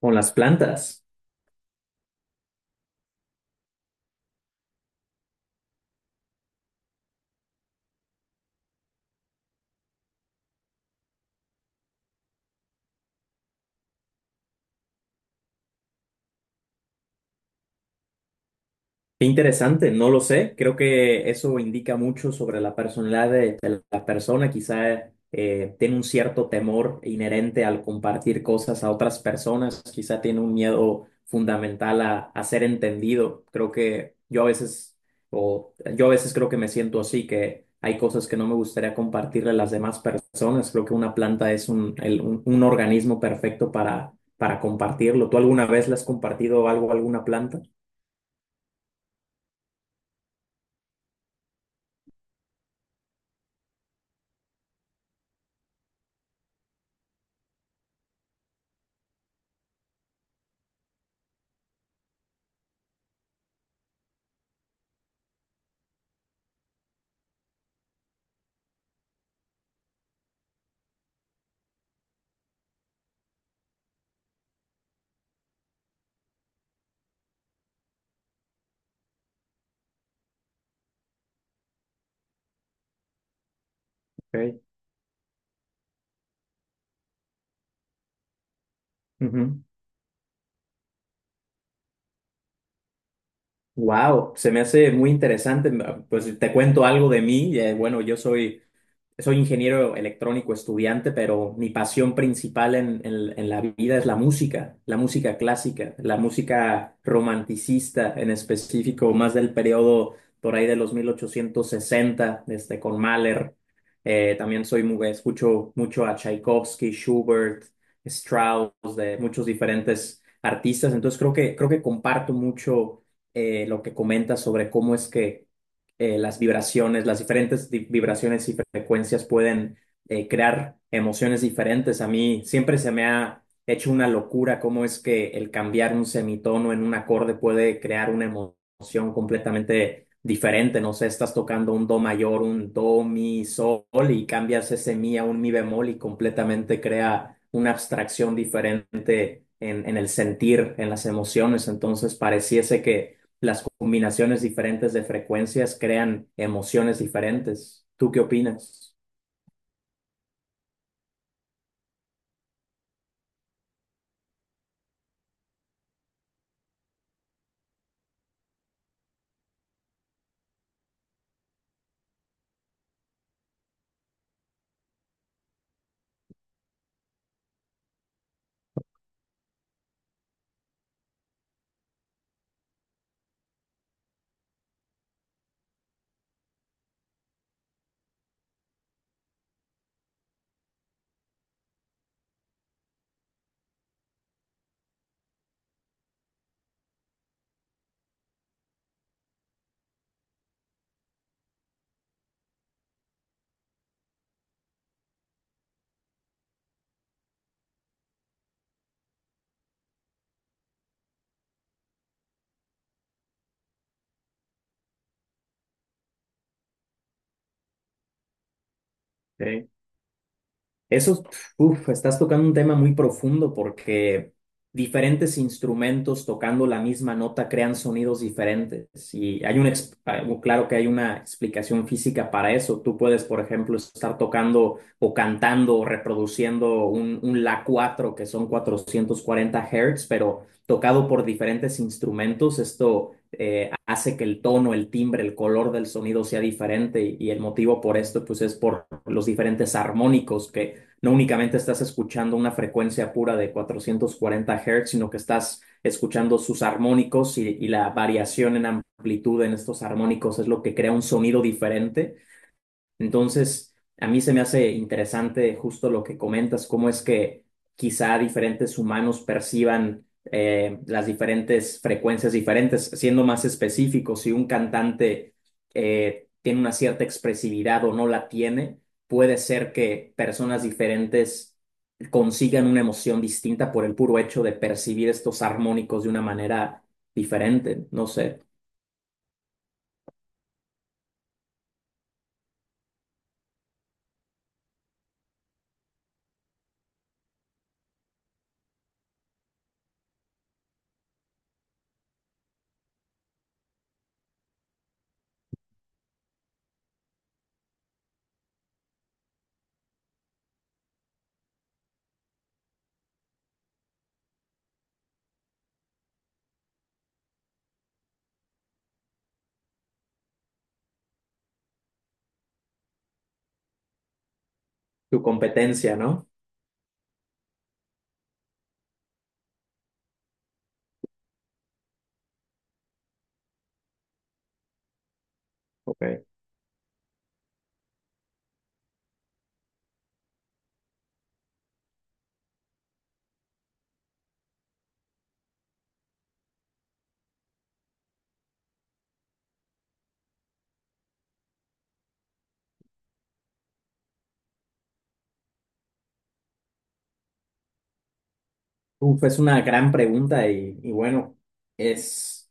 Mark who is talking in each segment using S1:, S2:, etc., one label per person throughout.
S1: Con las plantas. Qué interesante, no lo sé. Creo que eso indica mucho sobre la personalidad de la persona. Quizá tiene un cierto temor inherente al compartir cosas a otras personas. Quizá tiene un miedo fundamental a ser entendido. Creo que yo a veces creo que me siento así, que hay cosas que no me gustaría compartirle a las demás personas. Creo que una planta es un organismo perfecto para compartirlo. ¿Tú alguna vez le has compartido algo a alguna planta? Wow, se me hace muy interesante. Pues te cuento algo de mí. Bueno, yo soy Soy ingeniero electrónico estudiante, pero mi pasión principal en la vida es la música clásica, la música romanticista en específico, más del periodo por ahí de los 1860, con Mahler. También escucho mucho a Tchaikovsky, Schubert, Strauss, de muchos diferentes artistas. Entonces creo que comparto mucho lo que comentas sobre cómo es que las vibraciones, las diferentes vibraciones y frecuencias pueden crear emociones diferentes. A mí siempre se me ha hecho una locura cómo es que el cambiar un semitono en un acorde puede crear una emoción completamente diferente. No sé, estás tocando un do mayor, un do, mi, sol y cambias ese mi a un mi bemol y completamente crea una abstracción diferente en el sentir, en las emociones. Entonces pareciese que las combinaciones diferentes de frecuencias crean emociones diferentes. ¿Tú qué opinas? Ok. Eso, uf, estás tocando un tema muy profundo porque diferentes instrumentos tocando la misma nota crean sonidos diferentes y hay claro que hay una explicación física para eso. Tú puedes, por ejemplo, estar tocando o cantando o reproduciendo un La 4 que son 440 Hz, pero tocado por diferentes instrumentos, esto hace que el tono, el timbre, el color del sonido sea diferente y el motivo por esto pues es por los diferentes armónicos que no únicamente estás escuchando una frecuencia pura de 440 Hz, sino que estás escuchando sus armónicos y la variación en amplitud en estos armónicos es lo que crea un sonido diferente. Entonces, a mí se me hace interesante justo lo que comentas, cómo es que quizá diferentes humanos perciban las diferentes frecuencias diferentes. Siendo más específico, si un cantante tiene una cierta expresividad o no la tiene, puede ser que personas diferentes consigan una emoción distinta por el puro hecho de percibir estos armónicos de una manera diferente. No sé, tu competencia, ¿no? Ok. Uf, es una gran pregunta y bueno, es,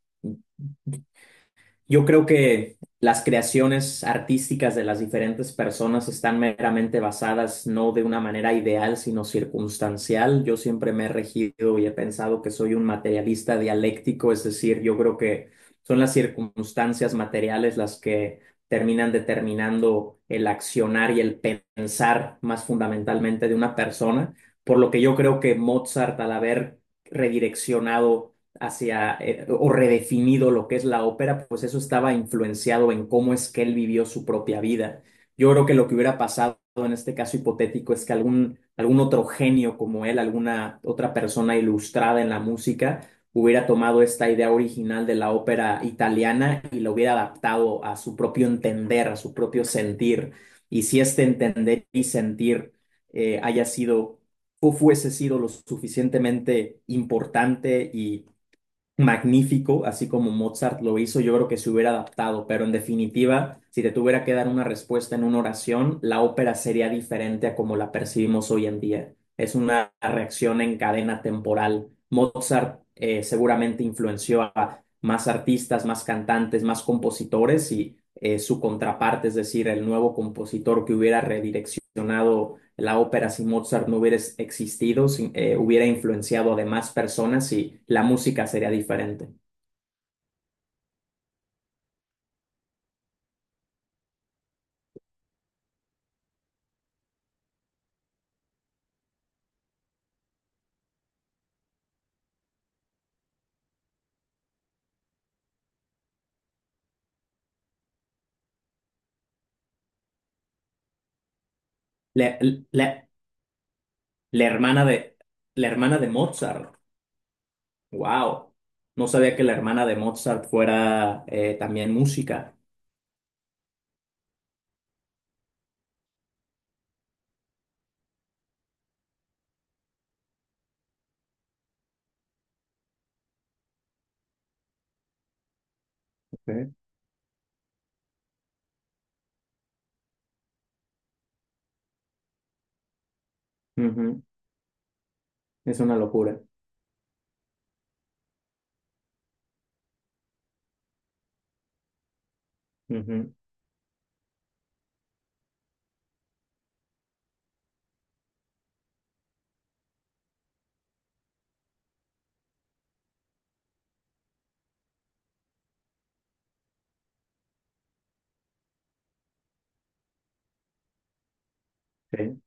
S1: yo creo que las creaciones artísticas de las diferentes personas están meramente basadas no de una manera ideal, sino circunstancial. Yo siempre me he regido y he pensado que soy un materialista dialéctico, es decir, yo creo que son las circunstancias materiales las que terminan determinando el accionar y el pensar más fundamentalmente de una persona, por lo que yo creo que Mozart, al haber redireccionado hacia o redefinido lo que es la ópera, pues eso estaba influenciado en cómo es que él vivió su propia vida. Yo creo que lo que hubiera pasado en este caso hipotético es que algún otro genio como él, alguna otra persona ilustrada en la música, hubiera tomado esta idea original de la ópera italiana y lo hubiera adaptado a su propio entender, a su propio sentir. Y si este entender y sentir haya sido o fuese sido lo suficientemente importante y magnífico, así como Mozart lo hizo, yo creo que se hubiera adaptado, pero en definitiva, si te tuviera que dar una respuesta en una oración, la ópera sería diferente a como la percibimos hoy en día. Es una reacción en cadena temporal. Mozart seguramente influenció a más artistas, más cantantes, más compositores y su contraparte, es decir, el nuevo compositor que hubiera redireccionado la ópera si Mozart no hubiera existido, hubiera influenciado a demás personas y la música sería diferente. La, la- la la hermana de Mozart, wow. No sabía que la hermana de Mozart fuera también música. Ok. Ujú. Es una locura. Ujú, sí.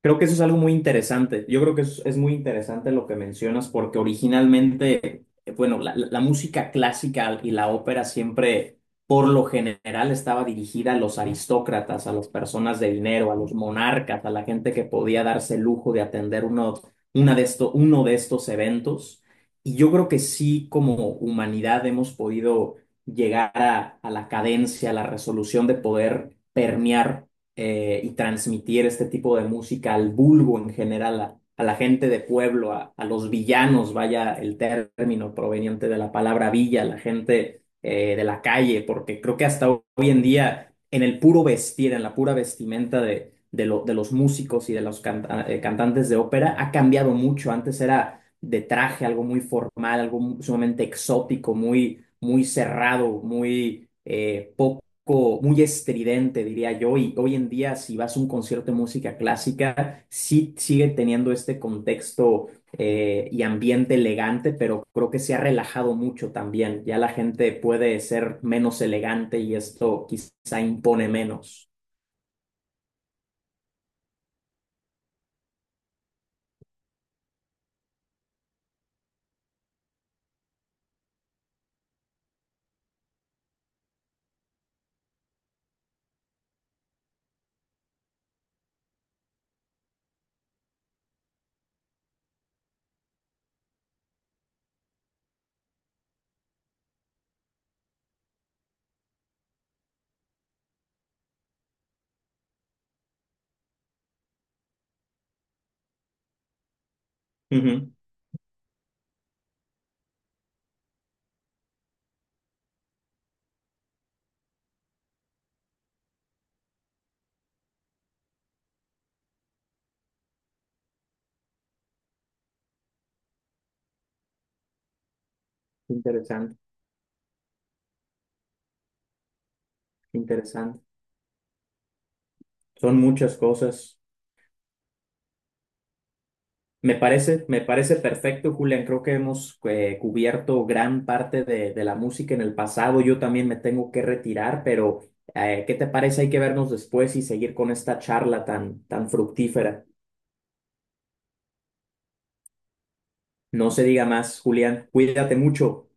S1: Creo que eso es algo muy interesante. Yo creo que es muy interesante lo que mencionas porque originalmente, bueno, la música clásica y la ópera siempre, por lo general, estaba dirigida a los aristócratas, a las personas de dinero, a los monarcas, a la gente que podía darse el lujo de atender uno de estos eventos. Y yo creo que sí, como humanidad, hemos podido llegar a la cadencia, a la resolución de poder permear y transmitir este tipo de música al vulgo en general, a la gente de pueblo, a los villanos, vaya el término proveniente de la palabra villa, la gente de la calle, porque creo que hasta hoy en día en el puro vestir, en la pura vestimenta de los músicos y de los cantantes de ópera ha cambiado mucho. Antes era de traje, algo muy formal, algo sumamente exótico, muy, muy cerrado, muy estridente, diría yo, y hoy en día si vas a un concierto de música clásica, sí sigue teniendo este contexto y ambiente elegante, pero creo que se ha relajado mucho también. Ya la gente puede ser menos elegante y esto quizá impone menos. Ujú. Interesante, interesante. Son muchas cosas. Me parece perfecto, Julián. Creo que hemos cubierto gran parte de la música en el pasado. Yo también me tengo que retirar, pero ¿qué te parece? Hay que vernos después y seguir con esta charla tan, tan fructífera. No se diga más, Julián. Cuídate mucho.